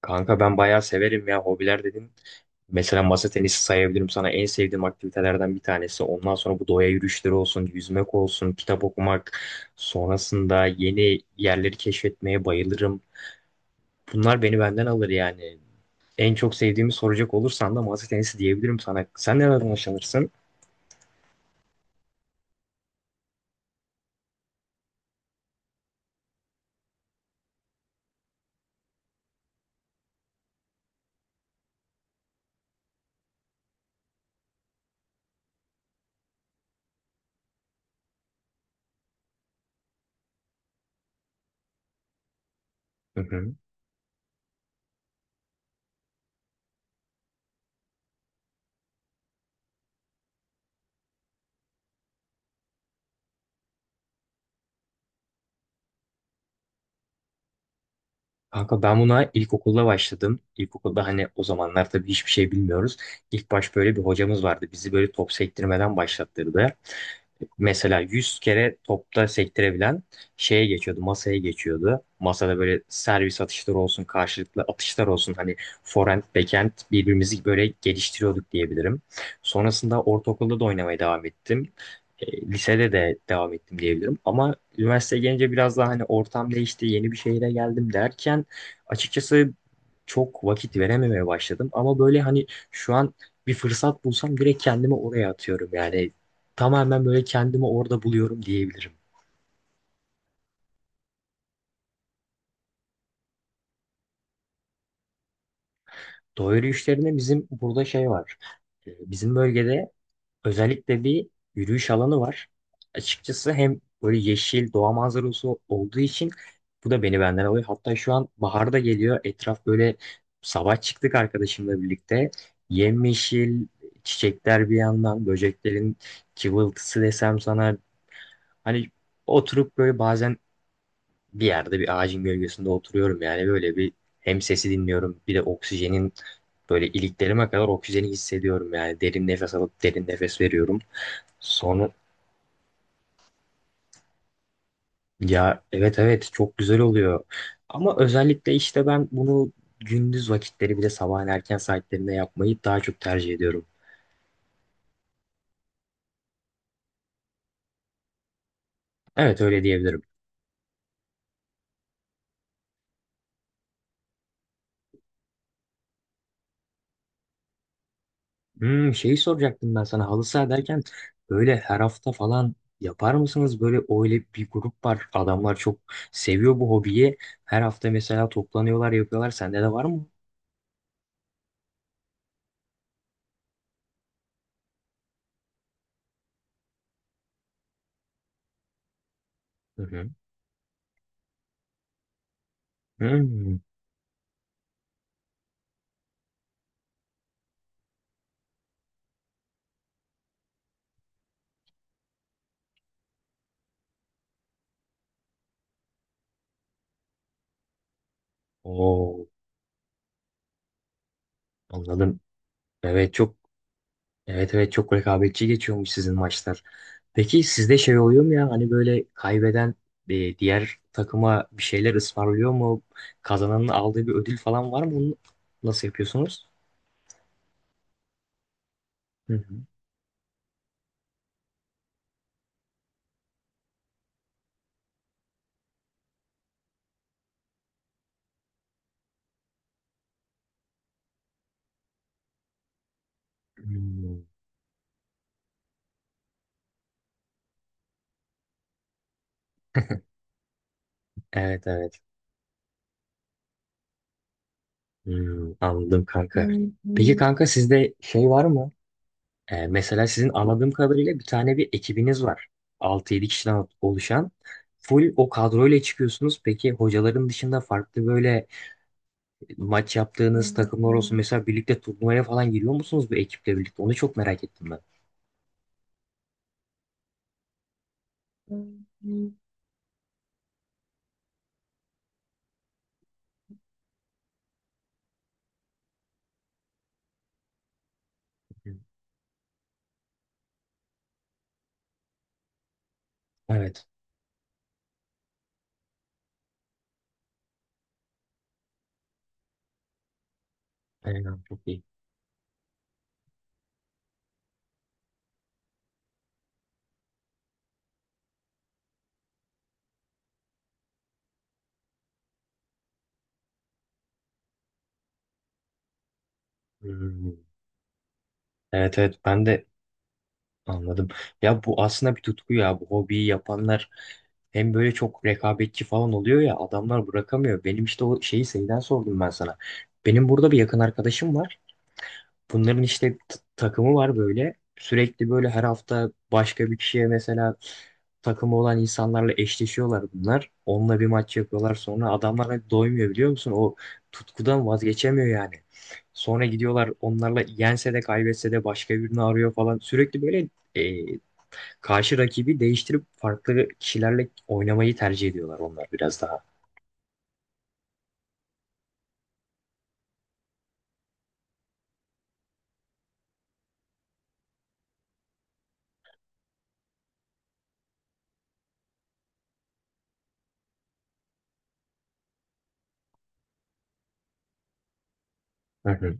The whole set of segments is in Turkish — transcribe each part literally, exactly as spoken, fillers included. Kanka ben bayağı severim ya, hobiler dedim. Mesela masa tenisi sayabilirim sana, en sevdiğim aktivitelerden bir tanesi. Ondan sonra bu doğa yürüyüşleri olsun, yüzmek olsun, kitap okumak, sonrasında yeni yerleri keşfetmeye bayılırım. Bunlar beni benden alır yani. En çok sevdiğimi soracak olursan da masa tenisi diyebilirim sana. Sen nereden hoşlanırsın? Hı hı. Kanka ben buna ilkokulda başladım. İlkokulda hani o zamanlar tabii hiçbir şey bilmiyoruz. İlk baş böyle bir hocamız vardı. Bizi böyle top sektirmeden başlattırdı. Mesela yüz kere topta sektirebilen şeye geçiyordu, masaya geçiyordu. Masada böyle servis atışları olsun, karşılıklı atışlar olsun. Hani forehand, backhand birbirimizi böyle geliştiriyorduk diyebilirim. Sonrasında ortaokulda da oynamaya devam ettim. E, lisede de devam ettim diyebilirim. Ama üniversiteye gelince biraz daha hani ortam değişti, yeni bir şehire geldim derken açıkçası çok vakit verememeye başladım. Ama böyle hani şu an bir fırsat bulsam direkt kendimi oraya atıyorum. Yani tamamen böyle kendimi orada buluyorum diyebilirim. Doğa yürüyüşlerinde bizim burada şey var. E, Bizim bölgede özellikle bir yürüyüş alanı var. Açıkçası hem böyle yeşil doğa manzarası olduğu için bu da beni benden alıyor. Hatta şu an bahar da geliyor. Etraf böyle, sabah çıktık arkadaşımla birlikte. Yemyeşil çiçekler, bir yandan böceklerin cıvıltısı desem sana, hani oturup böyle bazen bir yerde bir ağacın gölgesinde oturuyorum, yani böyle bir, hem sesi dinliyorum bir de oksijenin, böyle iliklerime kadar oksijeni hissediyorum yani, derin nefes alıp derin nefes veriyorum. Sonra, ya evet, evet çok güzel oluyor ama özellikle işte ben bunu gündüz vakitleri bir de sabahın erken saatlerinde yapmayı daha çok tercih ediyorum. Evet, öyle diyebilirim. Hmm, şeyi soracaktım ben sana, halı saha derken böyle her hafta falan yapar mısınız? Böyle öyle bir grup var, adamlar çok seviyor bu hobiyi. Her hafta mesela toplanıyorlar, yapıyorlar. Sende de var mı? Hı hı. Hmm. Oo, anladım. Evet çok, evet evet çok rekabetçi geçiyormuş sizin maçlar. Peki sizde şey oluyor mu, ya hani böyle kaybeden, e, diğer takıma bir şeyler ısmarlıyor mu? Kazananın aldığı bir ödül falan var mı? Bunu nasıl yapıyorsunuz? Hı hı. Hmm. Evet, evet. Hmm, anladım kanka. Peki hmm, kanka sizde şey var mı? Ee, mesela sizin anladığım kadarıyla bir tane bir ekibiniz var, altı yedi kişiden oluşan. Full o kadroyla çıkıyorsunuz. Peki hocaların dışında farklı böyle maç yaptığınız takımlar olsun, mesela birlikte turnuvaya falan giriyor musunuz bu ekiple birlikte? Onu çok merak ettim ben. Evet. Aynen, çok iyi. Hmm. Evet evet, ben de. Anladım. Ya bu aslında bir tutku ya. Bu hobiyi yapanlar hem böyle çok rekabetçi falan oluyor, ya adamlar bırakamıyor. Benim işte o şeyi şeyden sordum ben sana. Benim burada bir yakın arkadaşım var. Bunların işte t- takımı var böyle. Sürekli böyle her hafta başka bir kişiye mesela takımı olan insanlarla eşleşiyorlar bunlar. Onunla bir maç yapıyorlar, sonra adamlar hani doymuyor biliyor musun? O tutkudan vazgeçemiyor yani. Sonra gidiyorlar onlarla, yense de kaybetse de başka birini arıyor falan. Sürekli böyle karşı rakibi değiştirip farklı kişilerle oynamayı tercih ediyorlar onlar biraz daha. Hı hı.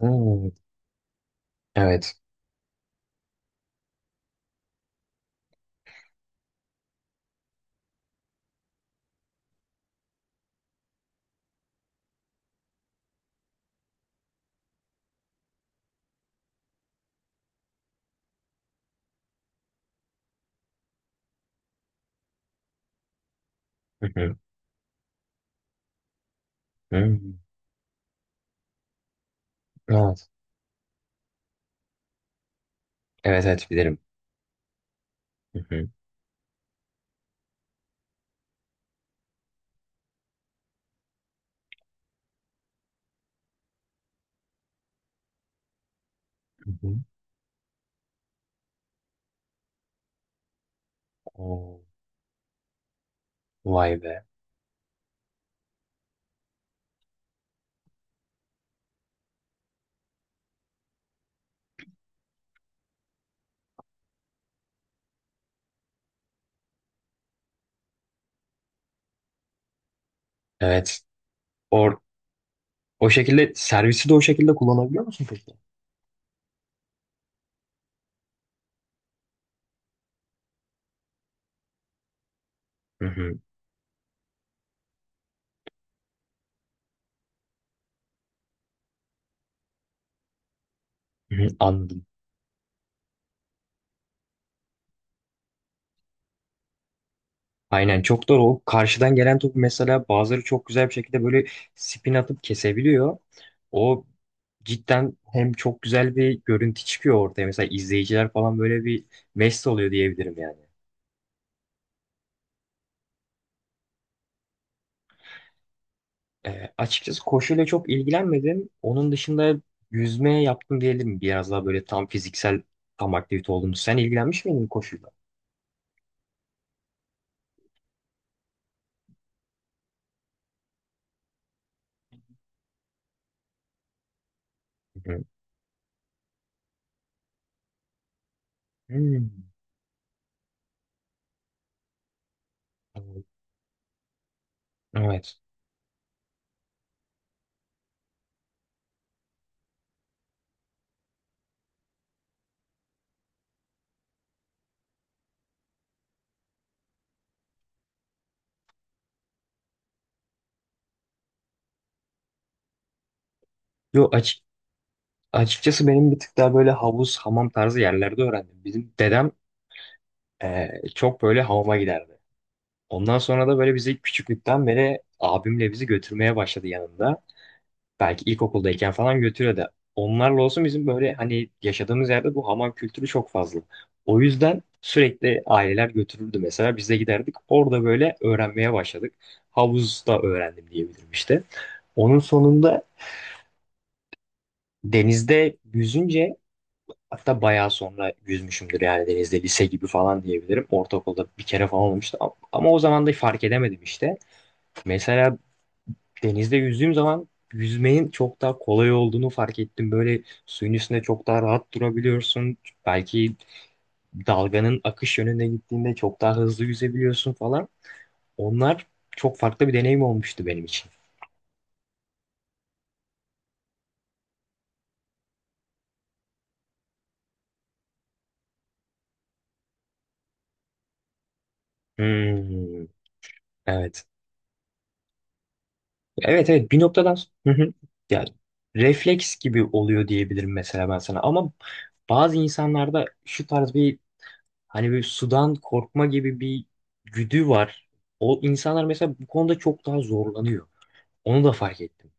Hmm, evet. Hı hı. Hmm, evet. Evet evet, bilirim. Hı hı. Hı hı. Oo, vay be. Evet. O, o şekilde servisi de o şekilde kullanabiliyor musun peki? Hı hı. Hı hı. Anladım. Aynen, çok doğru. O karşıdan gelen topu mesela bazıları çok güzel bir şekilde böyle spin atıp kesebiliyor. O cidden hem çok güzel bir görüntü çıkıyor ortaya. Mesela izleyiciler falan böyle bir mest oluyor diyebilirim yani. Ee, açıkçası koşuyla çok ilgilenmedim. Onun dışında yüzmeye yaptım diyelim. Biraz daha böyle tam fiziksel, tam aktivite olduğunu. Sen ilgilenmiş miydin koşuyla? Hı. Hmm. Evet. Yo açık Açıkçası benim bir tık daha böyle havuz, hamam tarzı yerlerde öğrendim. Bizim dedem eee, çok böyle hamama giderdi. Ondan sonra da böyle bizi küçüklükten beri abimle bizi götürmeye başladı yanında. Belki ilkokuldayken falan götürüyordu. Onlarla olsun, bizim böyle hani yaşadığımız yerde bu hamam kültürü çok fazla. O yüzden sürekli aileler götürürdü, mesela biz de giderdik. Orada böyle öğrenmeye başladık. Havuzda öğrendim diyebilirim işte. Onun sonunda denizde yüzünce, hatta bayağı sonra yüzmüşümdür yani denizde, lise gibi falan diyebilirim. Ortaokulda bir kere falan olmuştu ama, ama o zaman da fark edemedim işte. Mesela denizde yüzdüğüm zaman yüzmenin çok daha kolay olduğunu fark ettim. Böyle suyun üstünde çok daha rahat durabiliyorsun. Belki dalganın akış yönüne gittiğinde çok daha hızlı yüzebiliyorsun falan. Onlar çok farklı bir deneyim olmuştu benim için. Hmm, evet. Evet evet, bir noktadan s- hı hı. Yani refleks gibi oluyor diyebilirim mesela ben sana, ama bazı insanlarda şu tarz bir, hani bir sudan korkma gibi bir güdü var. O insanlar mesela bu konuda çok daha zorlanıyor. Onu da fark ettim.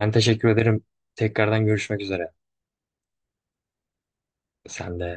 Ben teşekkür ederim. Tekrardan görüşmek üzere. Sen de.